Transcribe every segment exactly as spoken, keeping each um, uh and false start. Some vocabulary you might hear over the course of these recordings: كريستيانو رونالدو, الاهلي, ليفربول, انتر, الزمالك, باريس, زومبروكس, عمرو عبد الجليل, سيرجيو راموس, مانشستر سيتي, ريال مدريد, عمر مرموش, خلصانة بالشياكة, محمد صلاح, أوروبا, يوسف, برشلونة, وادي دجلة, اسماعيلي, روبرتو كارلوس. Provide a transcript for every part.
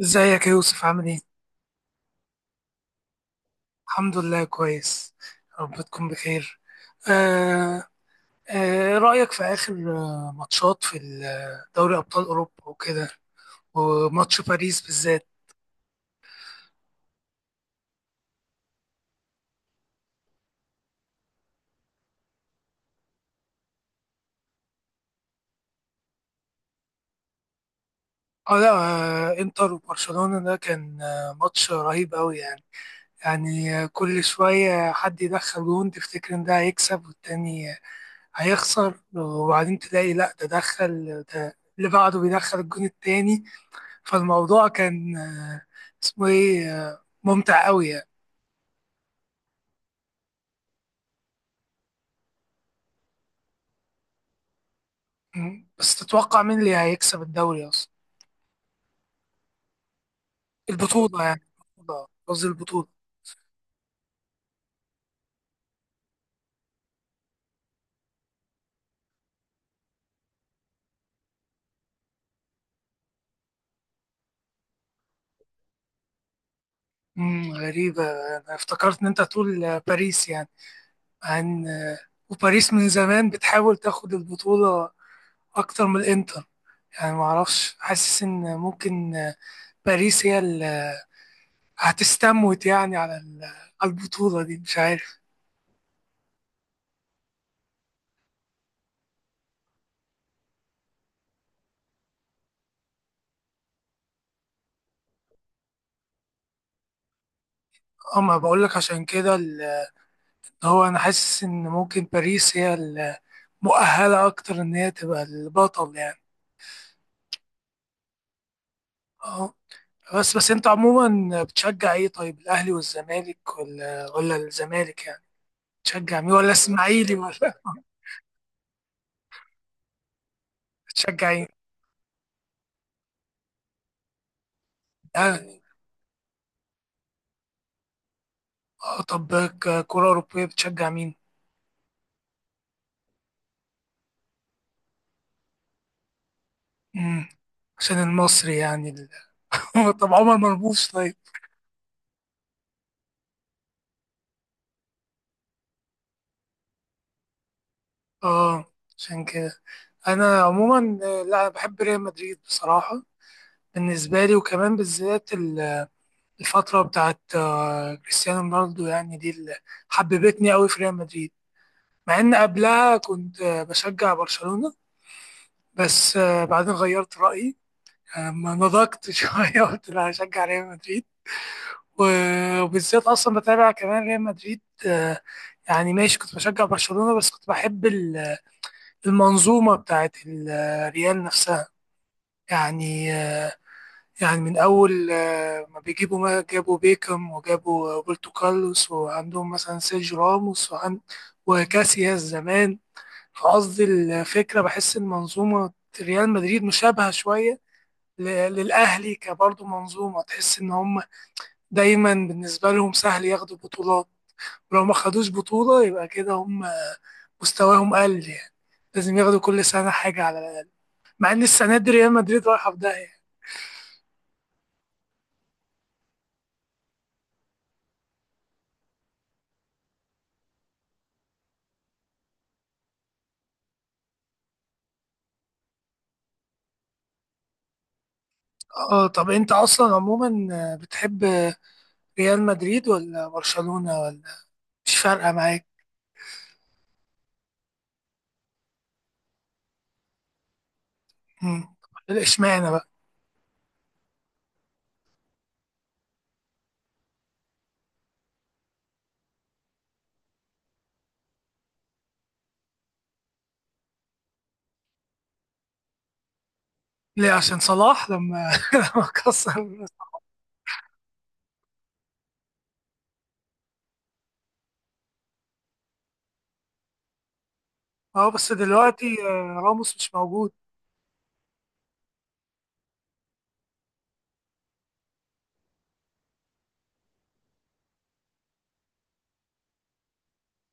ازيك يا يوسف؟ عامل ايه؟ الحمد لله، كويس. يا رب تكون بخير. آه آه إيه رأيك في آخر آه، ماتشات في ال- آه، دوري أبطال أوروبا وكده؟ وماتش باريس بالذات. اه لا، آه انتر وبرشلونة ده كان آه ماتش رهيب قوي يعني. يعني آه، كل شوية حد يدخل جون، تفتكر ان ده هيكسب والتاني آه، هيخسر، وبعدين تلاقي لا ده دخل، ده اللي بعده بيدخل الجون التاني. فالموضوع كان آه، اسمه ايه آه، ممتع قوي يعني. مم. بس تتوقع مين اللي هيكسب الدوري اصلا؟ البطولة يعني. البطولة، قصدي البطولة. مم، غريبة. انا افتكرت ان انت تقول آه، باريس يعني. عن آه، وباريس من زمان بتحاول تاخد البطولة اكتر من الانتر. يعني معرفش، حاسس ان ممكن آه، باريس هي هتستموت يعني على ال- على البطولة دي، مش عارف. اما بقول لك عشان كده ال- هو انا حاسس ان ممكن باريس هي المؤهلة اكتر ان هي تبقى البطل يعني. اه. بس بس انت عموما بتشجع ايه؟ طيب الاهلي والزمالك، ولا ولا الزمالك يعني؟ بتشجع مين؟ ولا اسماعيلي ولا؟ بتشجع ايه؟ اهلي. اه طب ك- كرة اوروبية بتشجع مين؟ امم عشان المصري يعني ال- طب عمر مرموش طيب؟ اه عشان كده، انا عموما آه، لا، أنا بحب ريال مدريد بصراحه. بالنسبه لي، وكمان بالذات ال- الفتره بتاعت آه، كريستيانو رونالدو يعني، دي اللي حببتني قوي في ريال مدريد. مع ان قبلها كنت آه، بشجع برشلونه، بس آه، بعدين غيرت رايي. آه، ما نضجت شويه، قلت لا هشجع ريال مدريد. و- وبالذات اصلا بتابع كمان ريال مدريد. آه، يعني ماشي، كنت بشجع برشلونه بس كنت بحب ال- المنظومه بتاعت ال- ريال نفسها يعني. يعني من أول آه، ما بيجيبوا ما جابوا بيكم، وجابوا آه، روبرتو كارلوس، وعندهم مثلا سيرجيو راموس، وعن وكاسياس زمان. فقصدي الفكرة بحس إن منظومة ريال مدريد مشابهة شوية ل- للأهلي، كبرضه منظومة تحس إن هم دايما بالنسبة لهم سهل ياخدوا بطولات، ولو ما خدوش بطولة يبقى كده هم مستواهم قل يعني، لازم ياخدوا كل سنة حاجة على الأقل، مع إن السنة دي ريال مدريد رايحة في داهية. اه طب انت اصلا عموما بتحب ريال مدريد ولا برشلونة ولا؟ مش فارقة معاك؟ مم. اشمعنى بقى؟ ليه؟ عشان صلاح لما لما كسر؟ اه بس دلوقتي آه، راموس مش موجود.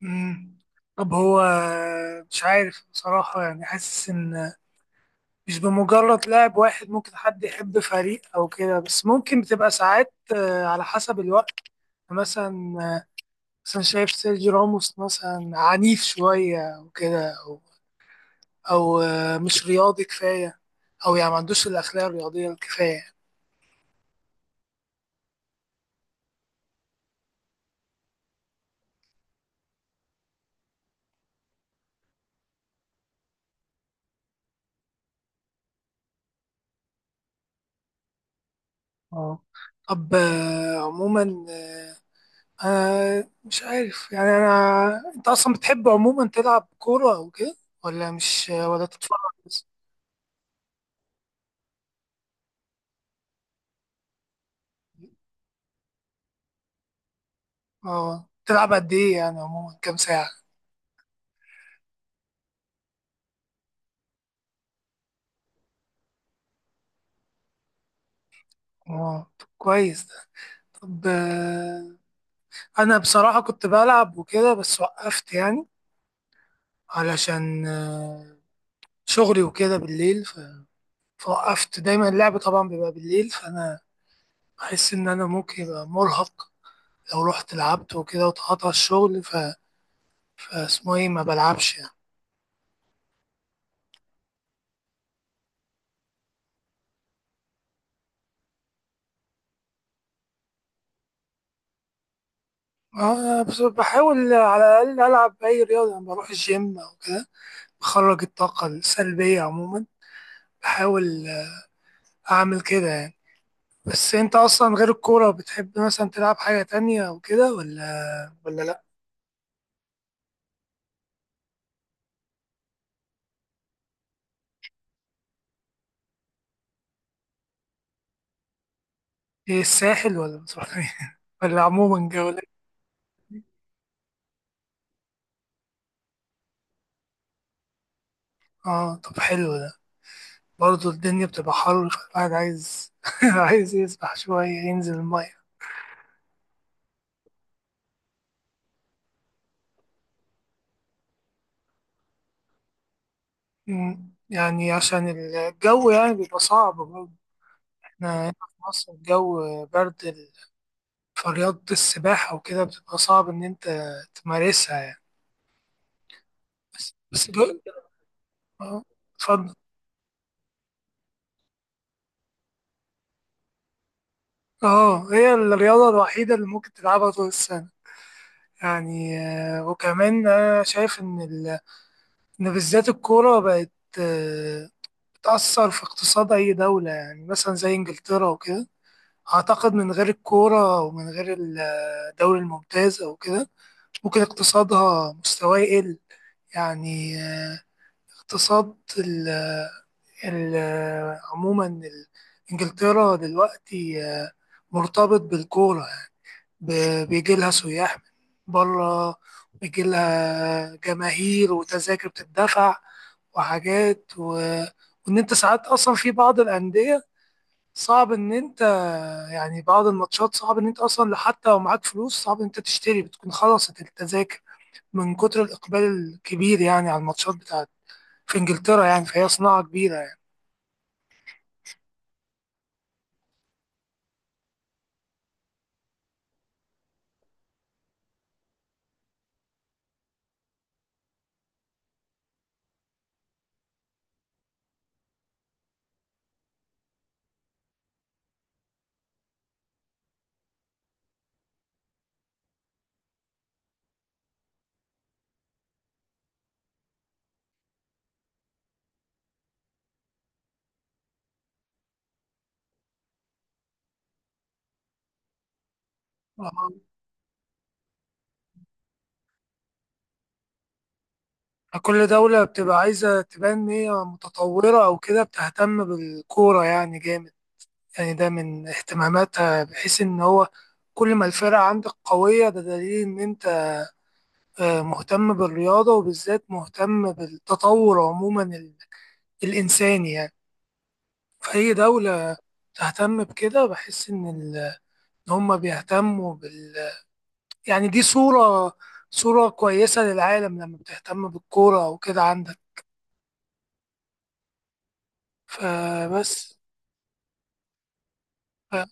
مم. طب هو آه، مش عارف بصراحة، يعني حاسس إن مش بمجرد لاعب واحد ممكن حد يحب فريق أو كده، بس ممكن بتبقى ساعات آه، على حسب الوقت. يعني مثلا آه، مثلا شايف سيرجي راموس مثلا عنيف شوية وكده، او آه، مش رياضي كفايه، او يعني ما عندوش الاخلاق الرياضيه الكفايه. اه طب آه، عموما آه، انا مش عارف يعني، انا انت اصلا بتحب عموما تلعب كوره او كده، ولا مش آه، ولا تتفرج بس؟ اه تلعب قد ايه يعني عموما كام ساعه؟ اه طب كويس ده. طب آه، انا بصراحه كنت بلعب وكده بس وقفت يعني، علشان آه، شغلي وكده بالليل، ف- فوقفت. دايما اللعب طبعا بيبقى بالليل فانا بحس إن أنا ممكن يبقى مرهق لو رحت لعبت وكده، واتقطع الشغل، ف- فاسمه إيه ما بلعبش يعني. آه، بس بحاول على الأقل ألعب أي رياضة لما بروح الجيم أو كده، بخرج الطاقة السلبية عموما. بحاول آه، أعمل كده يعني. بس أنت أصلا غير الكورة بتحب مثلا تلعب حاجة تانية أو كده، ولا ولا لأ؟ إيه، الساحل ولا بتروح فين؟ ولا عموما جولة؟ آه طب حلو ده. برضه الدنيا بتبقى حر فالواحد عايز عايز يسبح شوية، ينزل المية. مم. يعني عشان الجو يعني بيبقى صعب برضه، احنا هنا في مصر الجو برد، فرياضة السباحة وكده بتبقى صعب إن أنت تمارسها يعني. بس بس دول. اه اتفضل. اه هي الرياضة الوحيدة اللي ممكن تلعبها طول السنة يعني. آه، وكمان أنا شايف إن ال... إن بالذات الكورة بقت آه، بتأثر في اقتصاد أي دولة، يعني مثلا زي إنجلترا وكده. أعتقد من غير الكورة ومن غير الدوري الممتاز أو كده ممكن اقتصادها مستواه يقل يعني. اقتصاد ال ال عموما ال- انجلترا دلوقتي آه، مرتبط بالكورة. ب- بيجي لها سياح من بره، بيجي لها جماهير، وتذاكر بتدفع، وحاجات و... وان انت ساعات اصلا في بعض الاندية صعب ان انت، يعني بعض الماتشات صعب ان انت اصلا حتى لو معاك فلوس صعب ان انت تشتري، بتكون خلصت التذاكر من كتر الإقبال الكبير يعني، على الماتشات بتاعت في إنجلترا يعني. فهي صناعة كبيرة يعني. آه، كل دولة بتبقى عايزة تبان إن هي متطورة أو كده، بتهتم بالكورة يعني جامد. يعني ده من اهتماماتها، بحيث إن هو كل ما الفرقة عندك قوية ده دليل إن أنت آه، مهتم بالرياضة، وبالذات مهتم بالتطور عموما ال- الإنساني يعني. فأي دولة تهتم بكده بحس إن ال- إن هما بيهتموا بال يعني. دي صورة صورة كويسة للعالم لما بتهتم بالكورة وكده عندك. فبس. ف-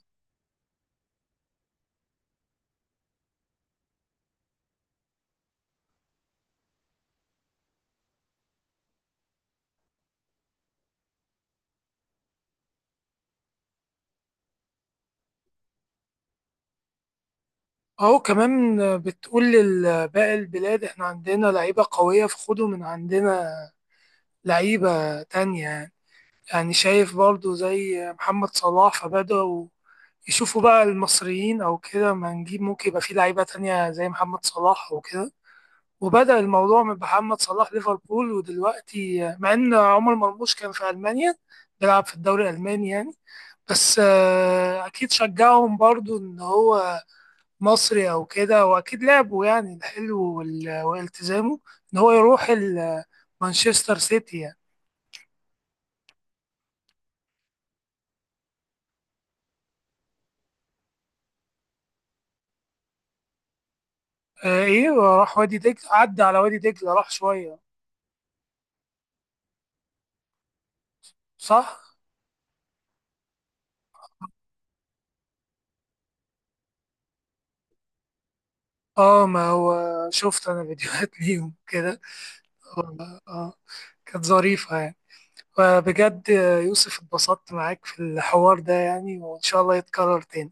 أهو كمان بتقول لباقي البلاد إحنا عندنا لعيبة قوية، فخدوا من عندنا لعيبة تانية يعني. يعني شايف برضو زي محمد صلاح، فبدأوا يشوفوا بقى المصريين أو كده، ما نجيب ممكن يبقى في لعيبة تانية زي محمد صلاح وكده. وبدأ الموضوع من محمد صلاح ليفربول، ودلوقتي مع ان عمر مرموش كان في ألمانيا بيلعب في الدوري الألماني يعني. بس آه، أكيد شجعهم برضو إن هو مصري أو كده، وأكيد لعبه يعني الحلو وال- والتزامه إن هو يروح ال- مانشستر سيتي يعني. آه، إيه وراح وادي دجلة، عدى على وادي دجلة راح شوية صح؟ اه ما هو شفت أنا فيديوهات ليهم كده. آه آه، كانت ظريفة يعني. فبجد يوسف اتبسطت معاك في الحوار ده يعني، وإن شاء الله يتكرر تاني.